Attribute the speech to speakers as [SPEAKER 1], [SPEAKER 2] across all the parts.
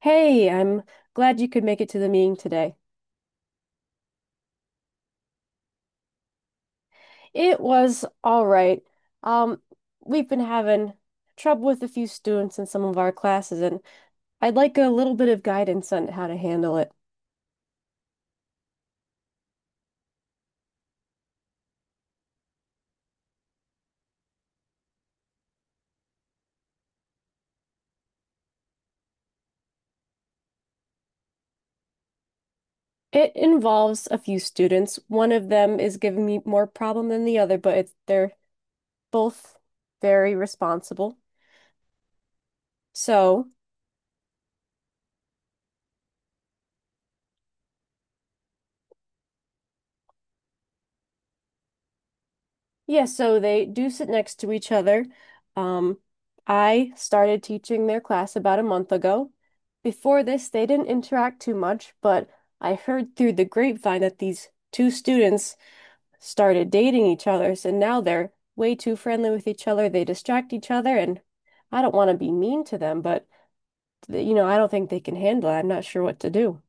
[SPEAKER 1] Hey, I'm glad you could make it to the meeting today. It was all right. Um, we've been having trouble with a few students in some of our classes, and I'd like a little bit of guidance on how to handle it. It involves a few students. One of them is giving me more problem than the other, but they're both very responsible. So yeah, so they do sit next to each other. Um, I started teaching their class about a month ago. Before this, they didn't interact too much, but I heard through the grapevine that these two students started dating each other, and now they're way too friendly with each other. They distract each other, and I don't want to be mean to them, but you know, I don't think they can handle it. I'm not sure what to do.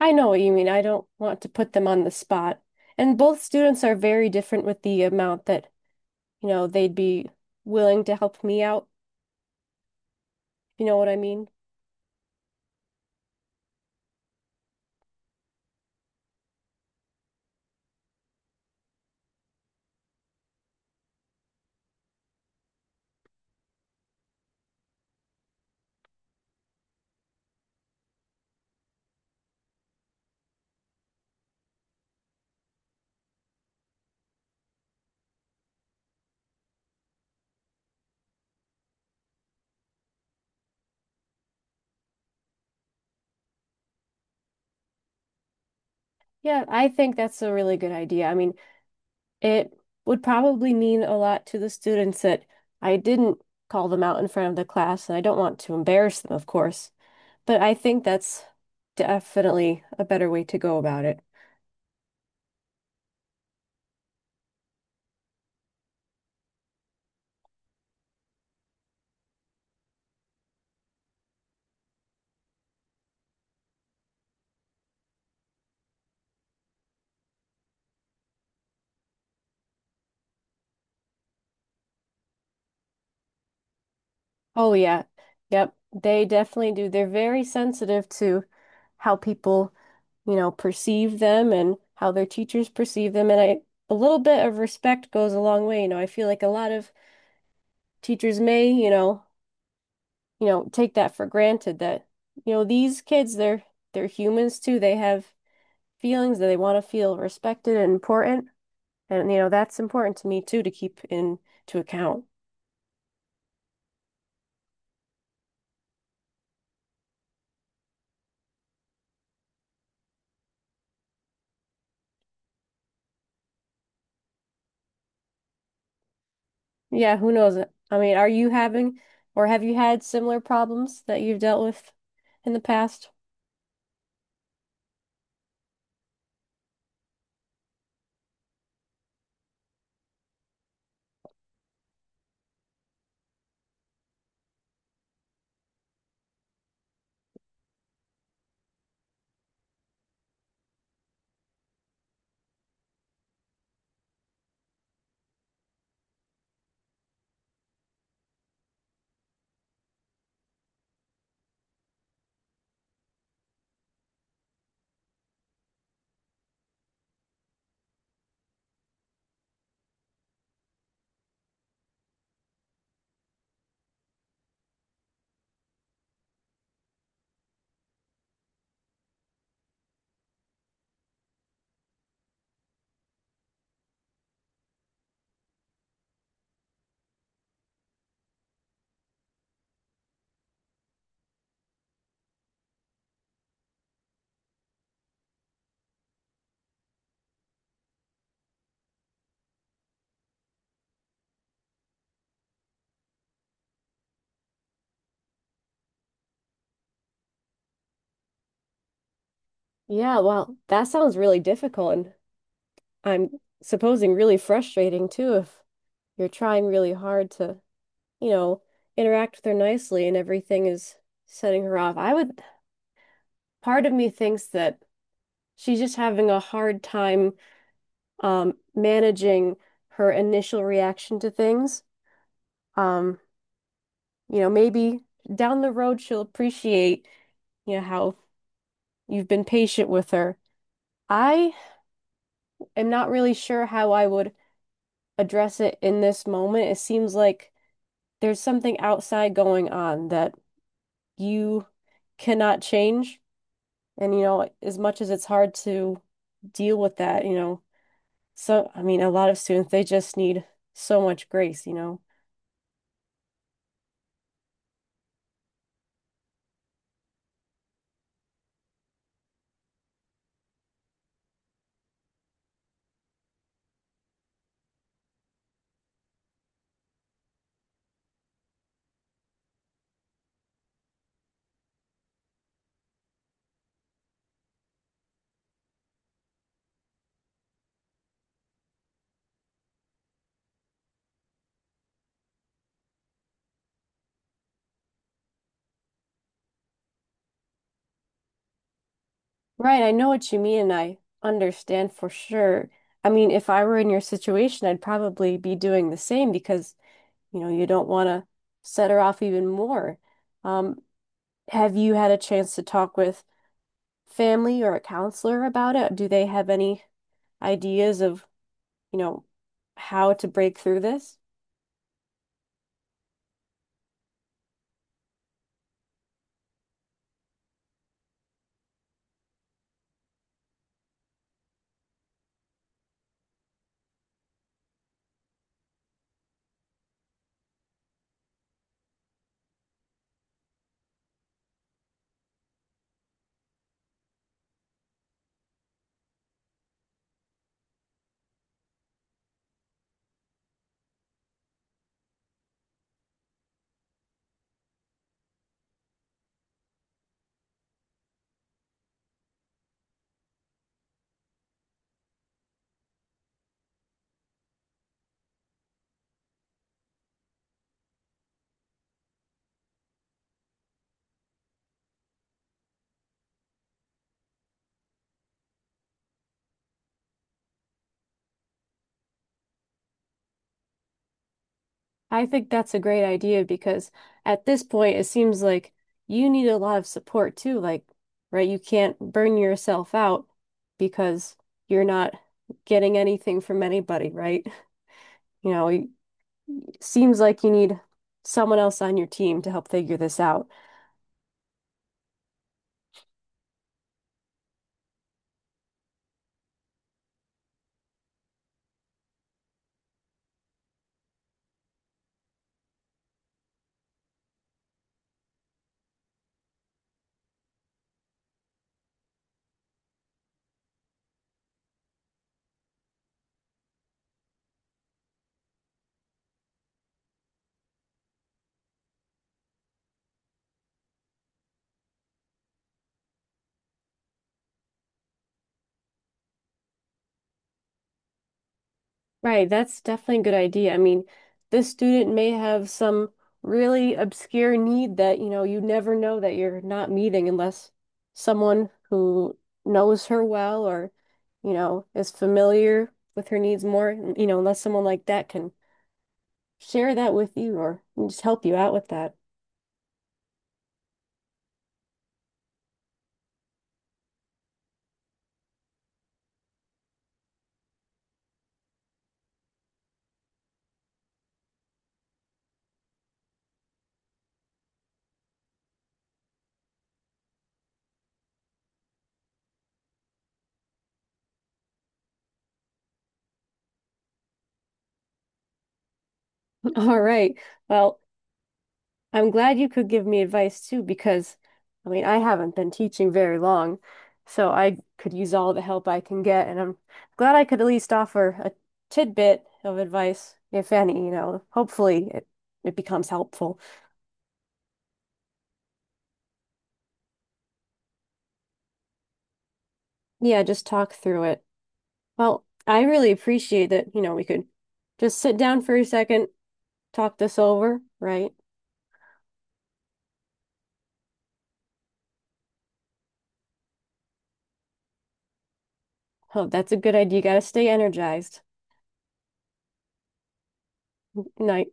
[SPEAKER 1] I know what you mean. I don't want to put them on the spot. And both students are very different with the amount that, you know, they'd be willing to help me out. You know what I mean? Yeah, I think that's a really good idea. I mean, it would probably mean a lot to the students that I didn't call them out in front of the class, and I don't want to embarrass them, of course. But I think that's definitely a better way to go about it. Oh yeah. Yep. They definitely do. They're very sensitive to how people, you know, perceive them and how their teachers perceive them. And I, a little bit of respect goes a long way. You know, I feel like a lot of teachers may, you know, take that for granted that, you know, these kids, they're humans too. They have feelings that they want to feel respected and important. And, you know, that's important to me too to keep in to account. Yeah, who knows? I mean, are you having or have you had similar problems that you've dealt with in the past? Yeah, well, that sounds really difficult and I'm supposing really frustrating too if you're trying really hard to, you know, interact with her nicely and everything is setting her off. I would, part of me thinks that she's just having a hard time managing her initial reaction to things. Um, you know, maybe down the road she'll appreciate, you know, how you've been patient with her. I am not really sure how I would address it in this moment. It seems like there's something outside going on that you cannot change. And, you know, as much as it's hard to deal with that, you know, so, I mean, a lot of students, they just need so much grace, you know. Right, I know what you mean, and I understand for sure. I mean, if I were in your situation, I'd probably be doing the same because you know, you don't want to set her off even more. Um, have you had a chance to talk with family or a counselor about it? Do they have any ideas of, you know, how to break through this? I think that's a great idea because at this point, it seems like you need a lot of support too. Like, right, you can't burn yourself out because you're not getting anything from anybody, right? You know, it seems like you need someone else on your team to help figure this out. Right, that's definitely a good idea. I mean, this student may have some really obscure need that, you know, you never know that you're not meeting unless someone who knows her well or, you know, is familiar with her needs more, you know, unless someone like that can share that with you or just help you out with that. All right. Well, I'm glad you could give me advice too, because I mean, I haven't been teaching very long, so I could use all the help I can get, and I'm glad I could at least offer a tidbit of advice, if any, you know, hopefully it becomes helpful. Yeah, just talk through it. Well, I really appreciate that, you know, we could just sit down for a second, talk this over, right? Oh, that's a good idea. You gotta stay energized. Night.